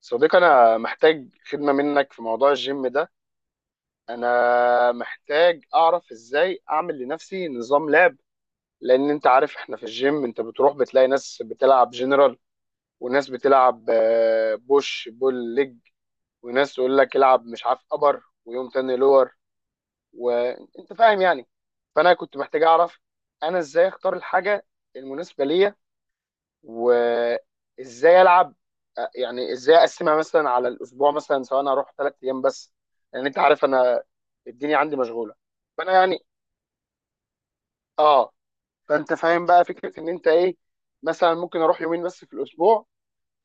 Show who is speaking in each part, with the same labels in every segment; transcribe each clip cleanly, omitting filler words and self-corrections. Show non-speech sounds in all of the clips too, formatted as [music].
Speaker 1: صديقي انا محتاج خدمه منك في موضوع الجيم ده. انا محتاج اعرف ازاي اعمل لنفسي نظام لعب. لان انت عارف احنا في الجيم انت بتروح بتلاقي ناس بتلعب جنرال وناس بتلعب بوش بول ليج، وناس تقول لك العب مش عارف ابر ويوم تاني لور وانت فاهم يعني. فانا كنت محتاج اعرف انا ازاي اختار الحاجه المناسبه ليا وازاي العب، يعني ازاي اقسمها مثلا على الاسبوع مثلا سواء انا اروح ثلاث ايام بس، لان انت عارف انا الدنيا عندي مشغوله. فانا يعني اه فانت فاهم بقى فكره ان انت ايه، مثلا ممكن اروح يومين بس في الاسبوع،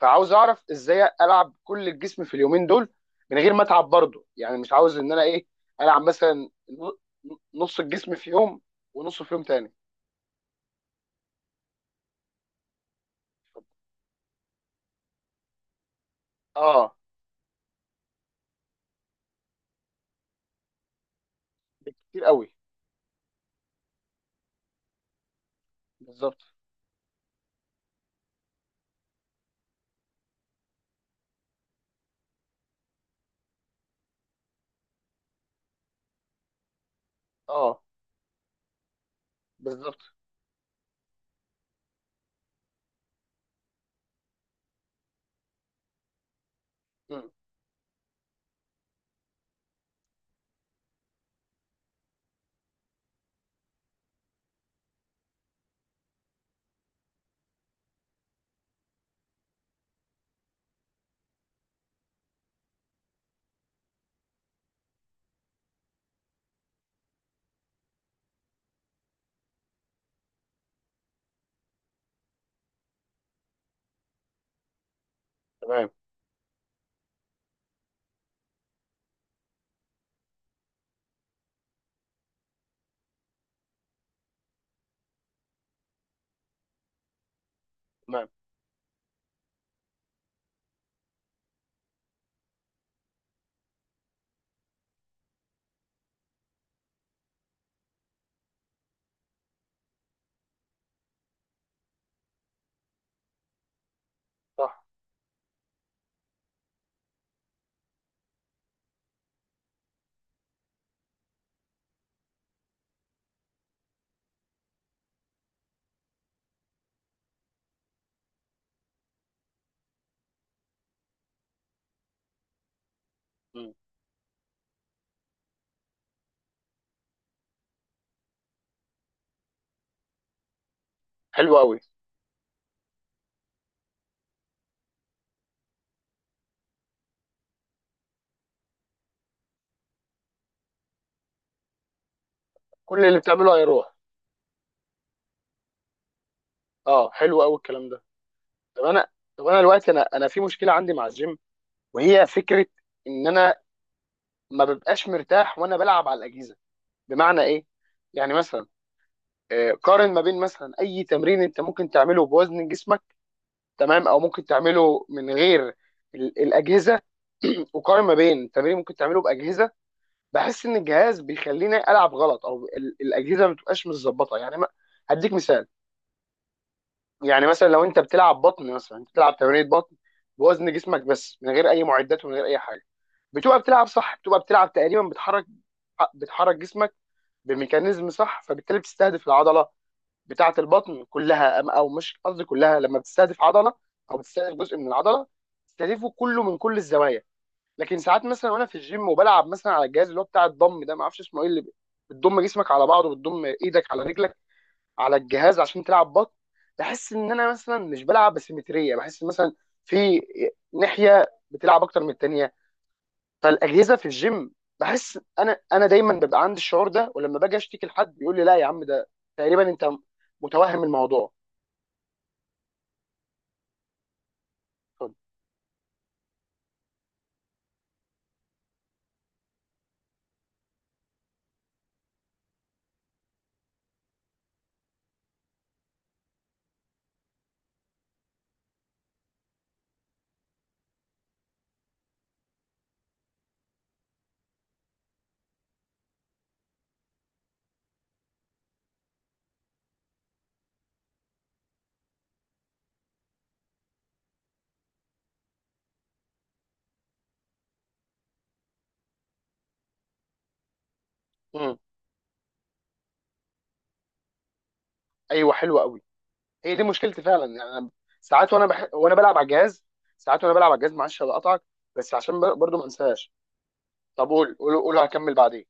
Speaker 1: فعاوز اعرف ازاي العب كل الجسم في اليومين دول من غير ما اتعب برضه، يعني مش عاوز ان انا ايه العب مثلا نص الجسم في يوم ونصه في يوم تاني. اه، كتير قوي. بالظبط. اه بالظبط. مم. تمام. تمام. صح. مم. حلو قوي. كل اللي بتعمله هيروح. اه حلو قوي الكلام ده. طب انا، طب انا دلوقتي انا في مشكله عندي مع الجيم، وهي فكره ان انا ما ببقاش مرتاح وانا بلعب على الاجهزه. بمعنى ايه؟ يعني مثلا، قارن ما بين مثلا اي تمرين انت ممكن تعمله بوزن جسمك، تمام، او ممكن تعمله من غير الاجهزه. [clears throat] وقارن ما بين تمرين ممكن تعمله باجهزه، بحس ان الجهاز بيخليني العب غلط او الاجهزه ما بتبقاش متظبطه يعني ما. هديك مثال، يعني مثلا لو انت بتلعب بطن، مثلا انت بتلعب تمرينة بطن بوزن جسمك بس من غير اي معدات ومن غير اي حاجه، بتبقى بتلعب صح، بتبقى بتلعب تقريبا بتحرك جسمك بميكانيزم صح، فبالتالي بتستهدف العضله بتاعه البطن كلها، او مش قصدي كلها، لما بتستهدف عضله او بتستهدف جزء من العضله بتستهدفه كله من كل الزوايا. لكن ساعات مثلا وانا في الجيم وبلعب مثلا على الجهاز اللي هو بتاع الضم ده، ما اعرفش اسمه ايه، اللي بتضم جسمك على بعضه وبتضم ايدك على رجلك على الجهاز عشان تلعب بط، بحس ان انا مثلا مش بلعب بسيمتريه، بحس مثلا في ناحيه بتلعب اكتر من التانيه. فالاجهزه في الجيم بحس انا دايما ببقى عندي الشعور ده، ولما باجي اشتكي لحد بيقول لي لا يا عم ده تقريبا انت متوهم الموضوع، قلت له، امم. ايوه حلوه قوي، هي دي مشكلتي فعلا يعني أنا ساعات وانا بلعب على الجهاز، ساعات وانا بلعب على الجهاز، معلش هقطعك بس عشان برضو ما انساش. طب قول هكمل بعدين.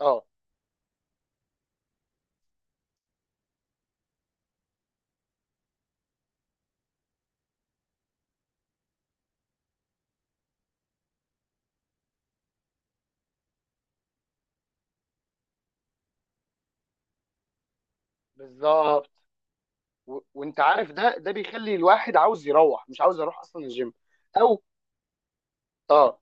Speaker 1: اه بالظبط. وانت عارف ده بيخلي الواحد عاوز يروح، مش عاوز اروح اصلا الجيم. او اه.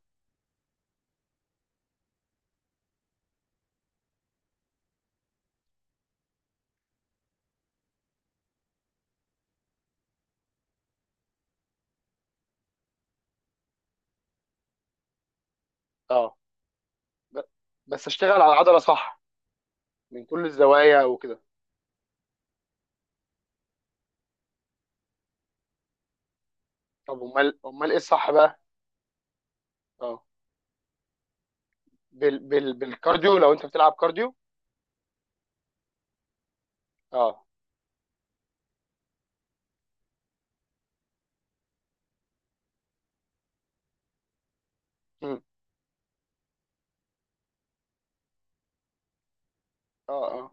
Speaker 1: اه، ب... بس اشتغل على العضله صح من كل الزوايا وكده. طب امال ايه الصح بقى؟ اه بالكارديو لو انت بتلعب كارديو. اه. مم. اه اه.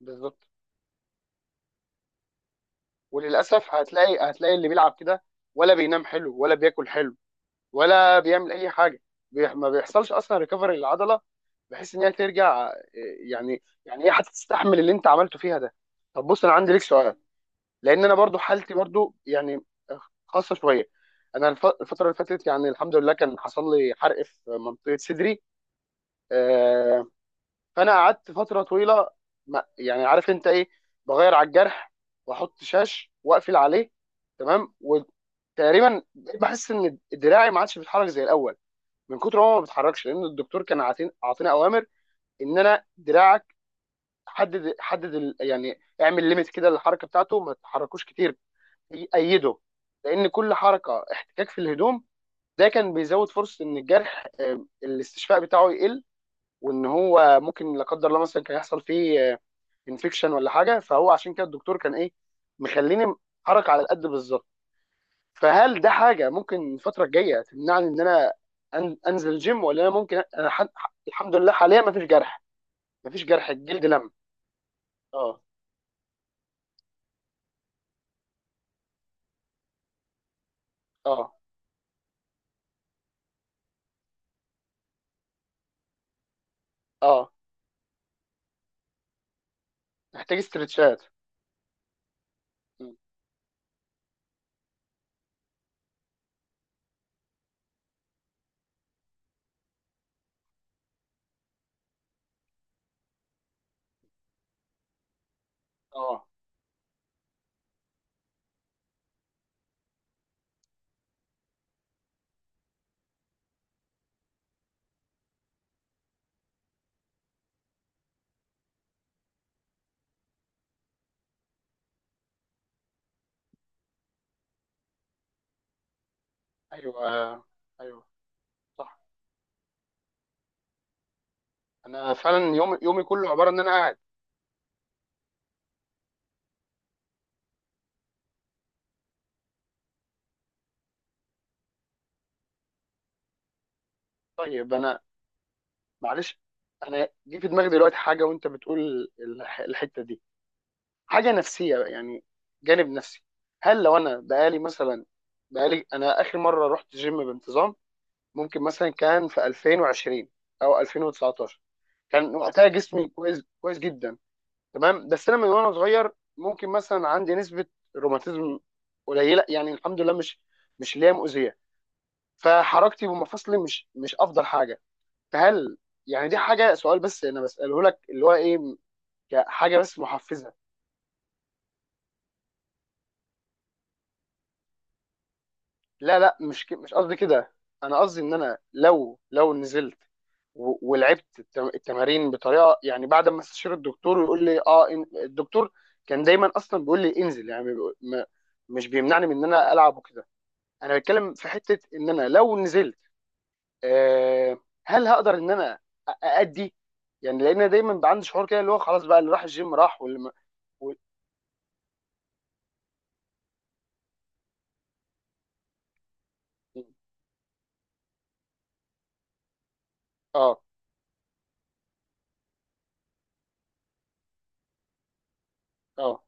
Speaker 1: بالظبط. وللاسف هتلاقي اللي بيلعب كده ولا بينام حلو ولا بياكل حلو ولا بيعمل اي حاجه. ما بيحصلش اصلا ريكفري للعضله، بحيث ان هي ترجع يعني هي هتستحمل اللي انت عملته فيها ده. طب بص انا عندي ليك سؤال، لان انا برضو حالتي برضو يعني خاصه شويه. انا الفتره اللي فاتت يعني الحمد لله كان حصل لي حرق في منطقه صدري، آه، فانا قعدت فتره طويله، يعني عارف انت ايه، بغير على الجرح واحط شاش واقفل عليه، تمام، وتقريبا بحس ان دراعي ما عادش بيتحرك زي الاول من كتر هو ما بيتحركش، لان الدكتور كان عاطينا اوامر ان انا دراعك حدد يعني اعمل ليميت كده للحركه بتاعته ما تتحركوش كتير ايده، لان كل حركه احتكاك في الهدوم ده كان بيزود فرصه ان الجرح الاستشفاء بتاعه يقل، وان هو ممكن لا قدر الله مثلا كان يحصل فيه انفكشن ولا حاجه، فهو عشان كده الدكتور كان ايه مخليني حركه على القد بالظبط. فهل ده حاجه ممكن الفتره الجايه تمنعني ان انا انزل جيم، ولا انا ممكن الحمد لله حاليا مفيش جرح، مفيش جرح، الجلد لم. اه. اه. اه محتاج استرتشات. م. اه. ايوه. آه، ايوه صح. انا فعلا يوم يومي كله عباره ان انا قاعد. طيب انا معلش، انا جه في دماغي دلوقتي حاجه وانت بتقول الحته دي، حاجه نفسيه بقى، يعني جانب نفسي. هل لو انا بقالي مثلا، بقالي انا اخر مره رحت جيم بانتظام ممكن مثلا كان في 2020 او 2019، كان وقتها جسمي كويس كويس جدا، تمام، بس انا من وانا صغير ممكن مثلا عندي نسبه روماتيزم قليله، يعني الحمد لله مش مش اللي هي مؤذيه، فحركتي ومفاصلي مش مش افضل حاجه. فهل يعني دي حاجه، سؤال بس انا بساله لك اللي هو ايه كحاجه بس محفزه. لا لا مش مش قصدي كده، انا قصدي ان انا لو لو نزلت ولعبت التمارين بطريقه، يعني بعد ما استشير الدكتور ويقول لي اه الدكتور كان دايما اصلا بيقول لي انزل، يعني مش بيمنعني من ان انا العب وكده. انا بتكلم في حته ان انا لو نزلت آه، هل هقدر ان انا اادي يعني، لان أنا دايما بقى عندي شعور كده اللي هو خلاص بقى اللي راح الجيم راح واللي ما و- اه. اه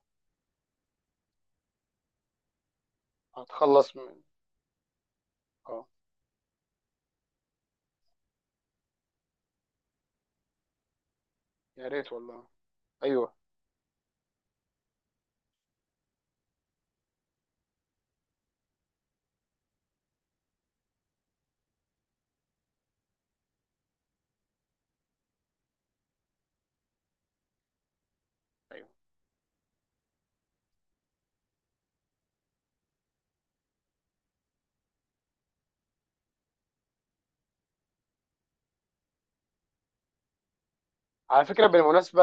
Speaker 1: هتخلص من. اه يا ريت والله. ايوه. أيوه. على فكره بالمناسبه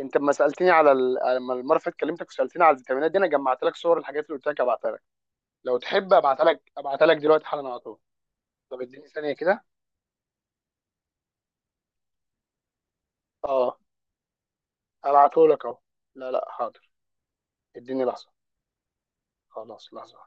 Speaker 1: انت لما سالتني على لما المره اللي فاتت كلمتك وسالتني على الفيتامينات دي، انا جمعت لك صور الحاجات اللي قلت لك ابعتها لك، لو تحب ابعتها لك، ابعتها لك دلوقتي حالا على طول. طب اديني ثانيه كده. اه ابعته لك اهو. لا لا حاضر. اديني لحظه. خلاص لحظه.